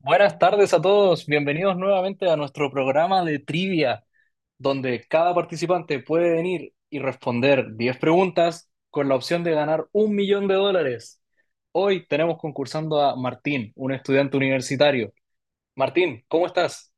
Buenas tardes a todos, bienvenidos nuevamente a nuestro programa de trivia, donde cada participante puede venir y responder 10 preguntas con la opción de ganar un millón de dólares. Hoy tenemos concursando a Martín, un estudiante universitario. Martín, ¿cómo estás?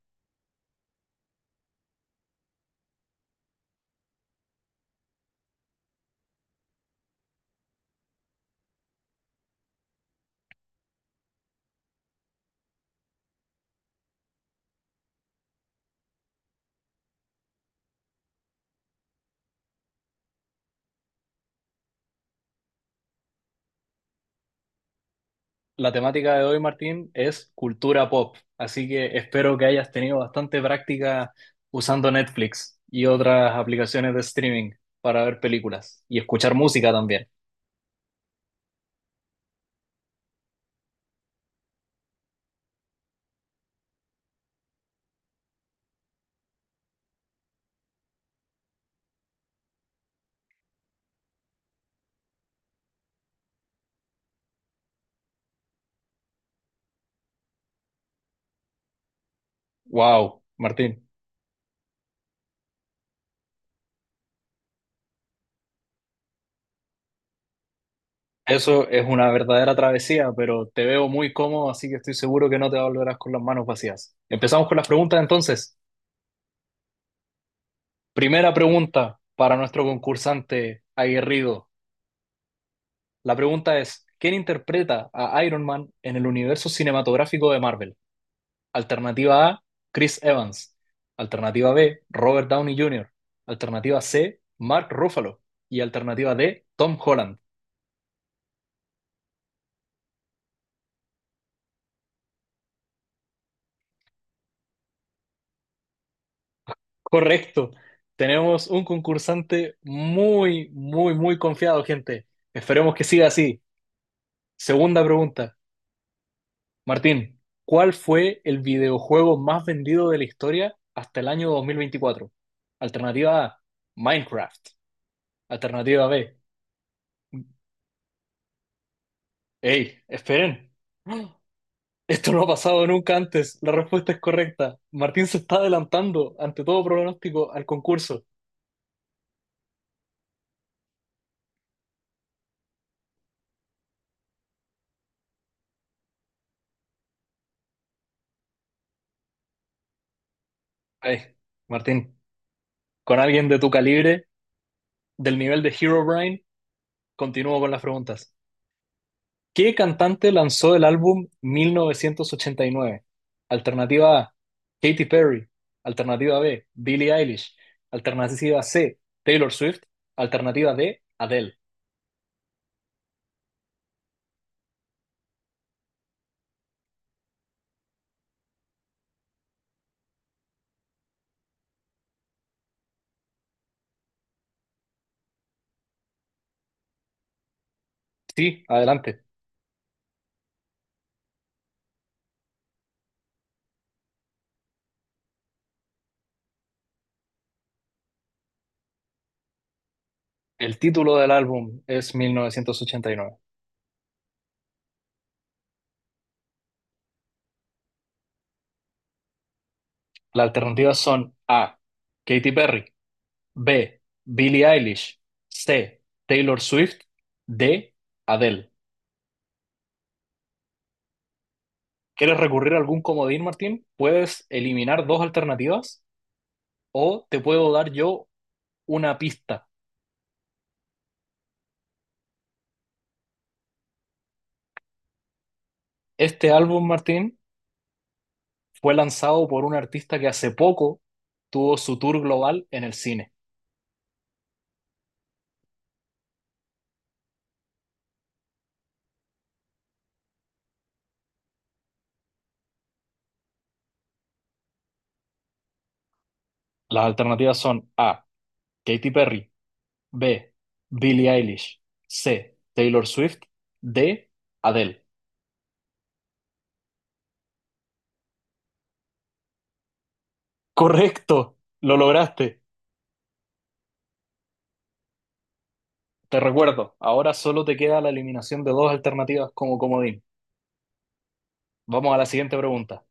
La temática de hoy, Martín, es cultura pop, así que espero que hayas tenido bastante práctica usando Netflix y otras aplicaciones de streaming para ver películas y escuchar música también. Wow, Martín. Eso es una verdadera travesía, pero te veo muy cómodo, así que estoy seguro que no te volverás con las manos vacías. Empezamos con las preguntas entonces. Primera pregunta para nuestro concursante aguerrido. La pregunta es, ¿quién interpreta a Iron Man en el universo cinematográfico de Marvel? Alternativa A, Chris Evans. Alternativa B, Robert Downey Jr. Alternativa C, Mark Ruffalo. Y alternativa D, Tom Holland. Correcto. Tenemos un concursante muy, muy, muy confiado, gente. Esperemos que siga así. Segunda pregunta. Martín, ¿cuál fue el videojuego más vendido de la historia hasta el año 2024? Alternativa A, Minecraft. Alternativa B. Ey, esperen. Esto no ha pasado nunca antes. La respuesta es correcta. Martín se está adelantando ante todo pronóstico al concurso. Ay, Martín, con alguien de tu calibre del nivel de Herobrine, continúo con las preguntas. ¿Qué cantante lanzó el álbum 1989? Alternativa A, Katy Perry. Alternativa B, Billie Eilish. Alternativa C, Taylor Swift. Alternativa D, Adele. Sí, adelante. El título del álbum es 1989. Las alternativas son A, Katy Perry. B, Billie Eilish. C, Taylor Swift. D, Adele. ¿Quieres recurrir a algún comodín, Martín? Puedes eliminar dos alternativas o te puedo dar yo una pista. Este álbum, Martín, fue lanzado por un artista que hace poco tuvo su tour global en el cine. Las alternativas son A. Katy Perry, B. Billie Eilish, C. Taylor Swift, D. Adele. Correcto, lo lograste. Te recuerdo, ahora solo te queda la eliminación de dos alternativas como comodín. Vamos a la siguiente pregunta.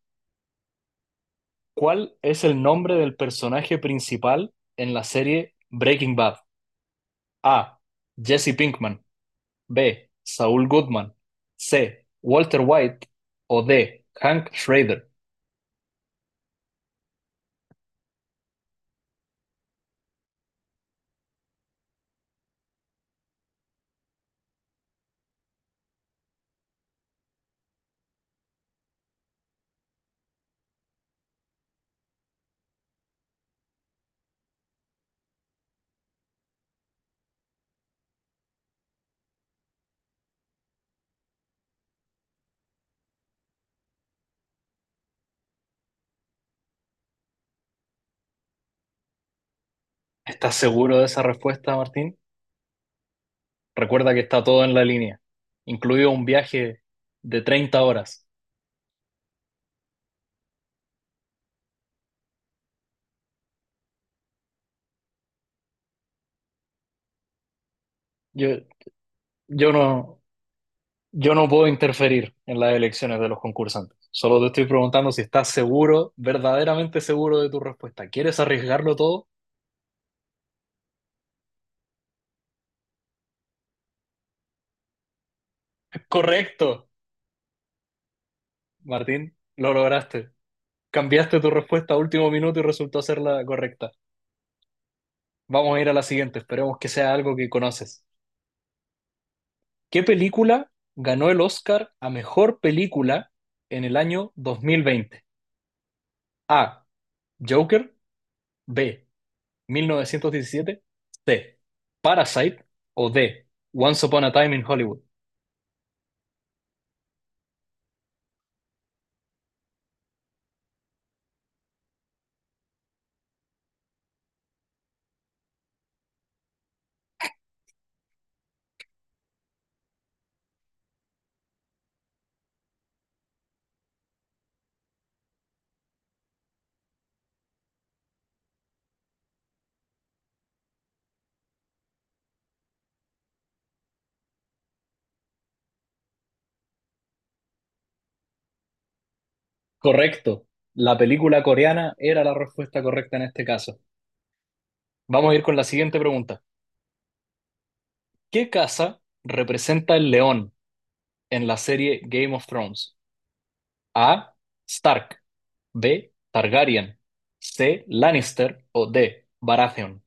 ¿Cuál es el nombre del personaje principal en la serie Breaking Bad? A. Jesse Pinkman. B. Saul Goodman. C. Walter White. O D. Hank Schrader. ¿Estás seguro de esa respuesta, Martín? Recuerda que está todo en la línea, incluido un viaje de 30 horas. Yo, yo no, yo no puedo interferir en las elecciones de los concursantes. Solo te estoy preguntando si estás seguro, verdaderamente seguro de tu respuesta. ¿Quieres arriesgarlo todo? Correcto, Martín, lo lograste. Cambiaste tu respuesta a último minuto y resultó ser la correcta. Vamos a ir a la siguiente, esperemos que sea algo que conoces. ¿Qué película ganó el Oscar a mejor película en el año 2020? A. Joker. B. 1917. C. Parasite. O D. Once Upon a Time in Hollywood. Correcto. La película coreana era la respuesta correcta en este caso. Vamos a ir con la siguiente pregunta. ¿Qué casa representa el león en la serie Game of Thrones? A. Stark. B. Targaryen. C. Lannister. O D. Baratheon.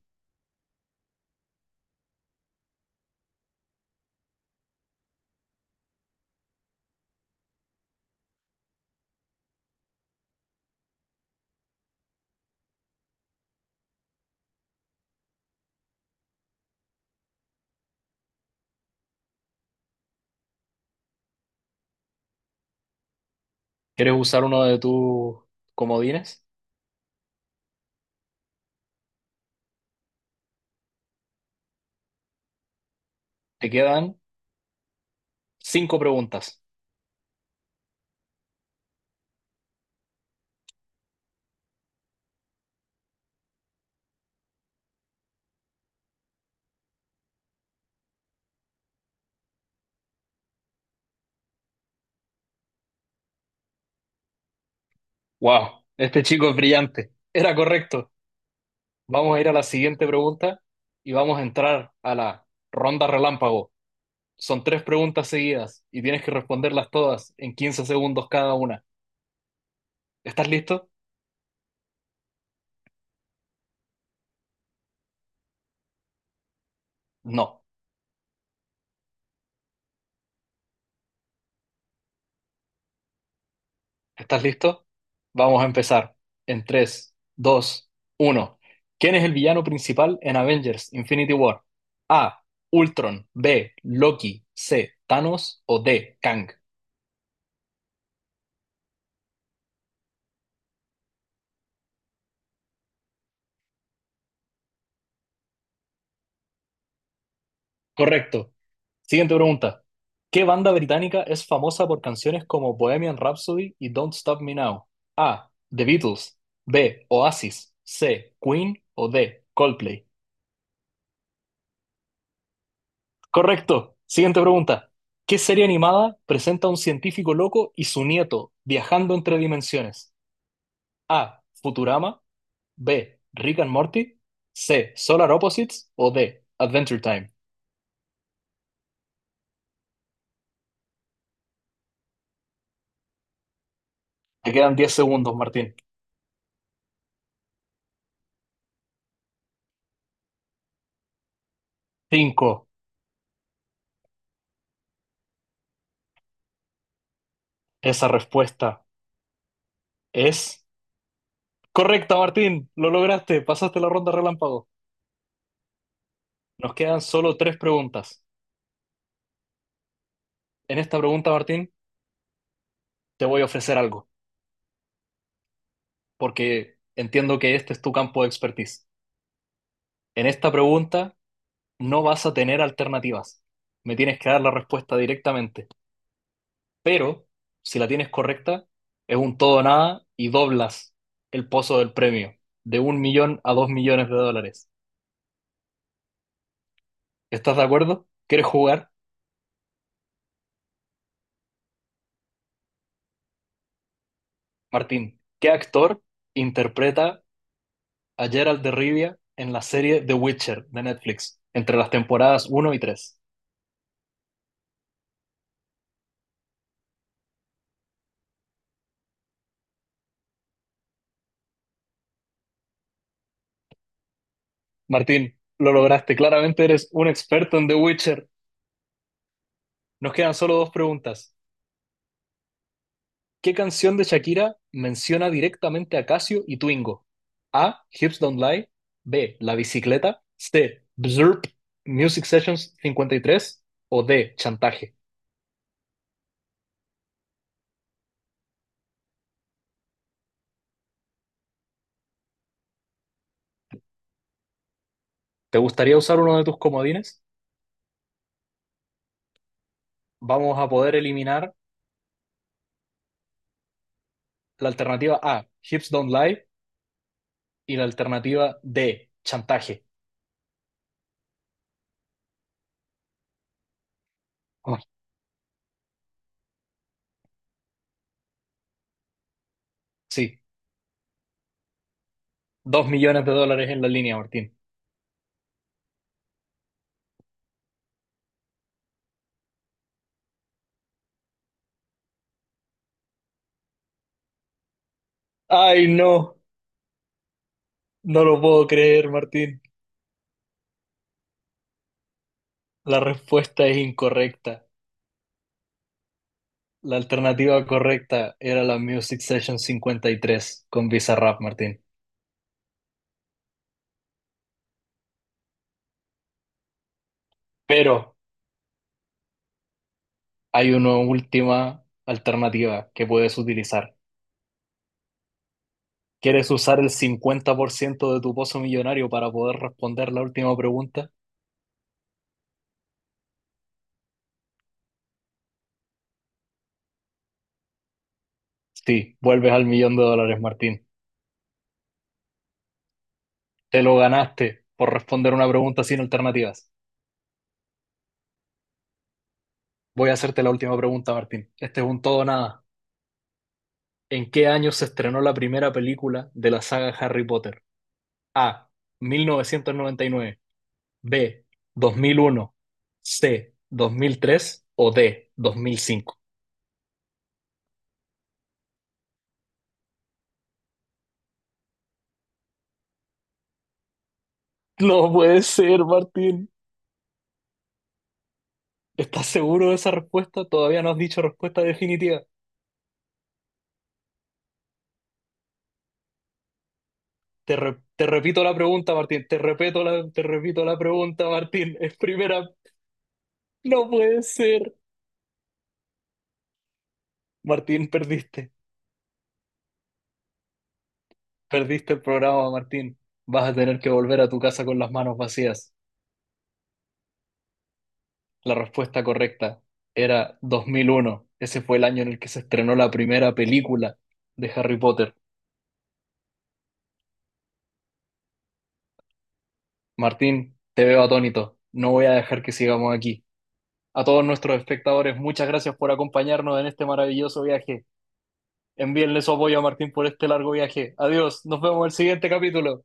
¿Quieres usar uno de tus comodines? Te quedan cinco preguntas. ¡Wow! Este chico es brillante. Era correcto. Vamos a ir a la siguiente pregunta y vamos a entrar a la ronda relámpago. Son tres preguntas seguidas y tienes que responderlas todas en 15 segundos cada una. ¿Estás listo? No. ¿Estás listo? Vamos a empezar en tres, dos, uno. ¿Quién es el villano principal en Avengers Infinity War? A. Ultron. B. Loki. C. Thanos. O D. Kang. Correcto. Siguiente pregunta. ¿Qué banda británica es famosa por canciones como Bohemian Rhapsody y Don't Stop Me Now? A. The Beatles. B. Oasis. C. Queen. O D. Coldplay. Correcto. Siguiente pregunta. ¿Qué serie animada presenta a un científico loco y su nieto viajando entre dimensiones? A. Futurama. B. Rick and Morty. C. Solar Opposites. O D. Adventure Time. Te quedan 10 segundos, Martín. Cinco. Esa respuesta es correcta, Martín. Lo lograste. Pasaste la ronda relámpago. Nos quedan solo tres preguntas. En esta pregunta, Martín, te voy a ofrecer algo, porque entiendo que este es tu campo de expertise. En esta pregunta no vas a tener alternativas. Me tienes que dar la respuesta directamente. Pero si la tienes correcta, es un todo o nada y doblas el pozo del premio de un millón a dos millones de dólares. ¿Estás de acuerdo? ¿Quieres jugar? Martín, ¿qué actor interpreta a Geralt de Rivia en la serie The Witcher de Netflix entre las temporadas uno y 3? Martín, lo lograste. Claramente eres un experto en The Witcher. Nos quedan solo dos preguntas. ¿Qué canción de Shakira menciona directamente a Casio y Twingo? A. Hips Don't Lie. B. La bicicleta. C. Bzurp. Music Sessions 53. O D. Chantaje. ¿Te gustaría usar uno de tus comodines? Vamos a poder eliminar la alternativa A. Hips Don't Lie. Y la alternativa D. Chantaje. Ay, sí. Dos millones de dólares en la línea, Martín. Ay, no. No lo puedo creer, Martín. La respuesta es incorrecta. La alternativa correcta era la Music Session 53 con Bizarrap, Martín. Pero hay una última alternativa que puedes utilizar. ¿Quieres usar el 50% de tu pozo millonario para poder responder la última pregunta? Sí, vuelves al millón de dólares, Martín. Te lo ganaste por responder una pregunta sin alternativas. Voy a hacerte la última pregunta, Martín. Este es un todo o nada. ¿En qué año se estrenó la primera película de la saga Harry Potter? A. 1999. B, 2001, C, 2003 o D, 2005. No puede ser, Martín. ¿Estás seguro de esa respuesta? Todavía no has dicho respuesta definitiva. Te repito la pregunta, Martín. Te repito la pregunta, Martín. Es primera. No puede ser. Martín, perdiste. Perdiste el programa, Martín. Vas a tener que volver a tu casa con las manos vacías. La respuesta correcta era 2001 Ese fue el año en el que se estrenó la primera película de Harry Potter. Martín, te veo atónito. No voy a dejar que sigamos aquí. A todos nuestros espectadores, muchas gracias por acompañarnos en este maravilloso viaje. Envíenle su apoyo a Martín por este largo viaje. Adiós, nos vemos en el siguiente capítulo.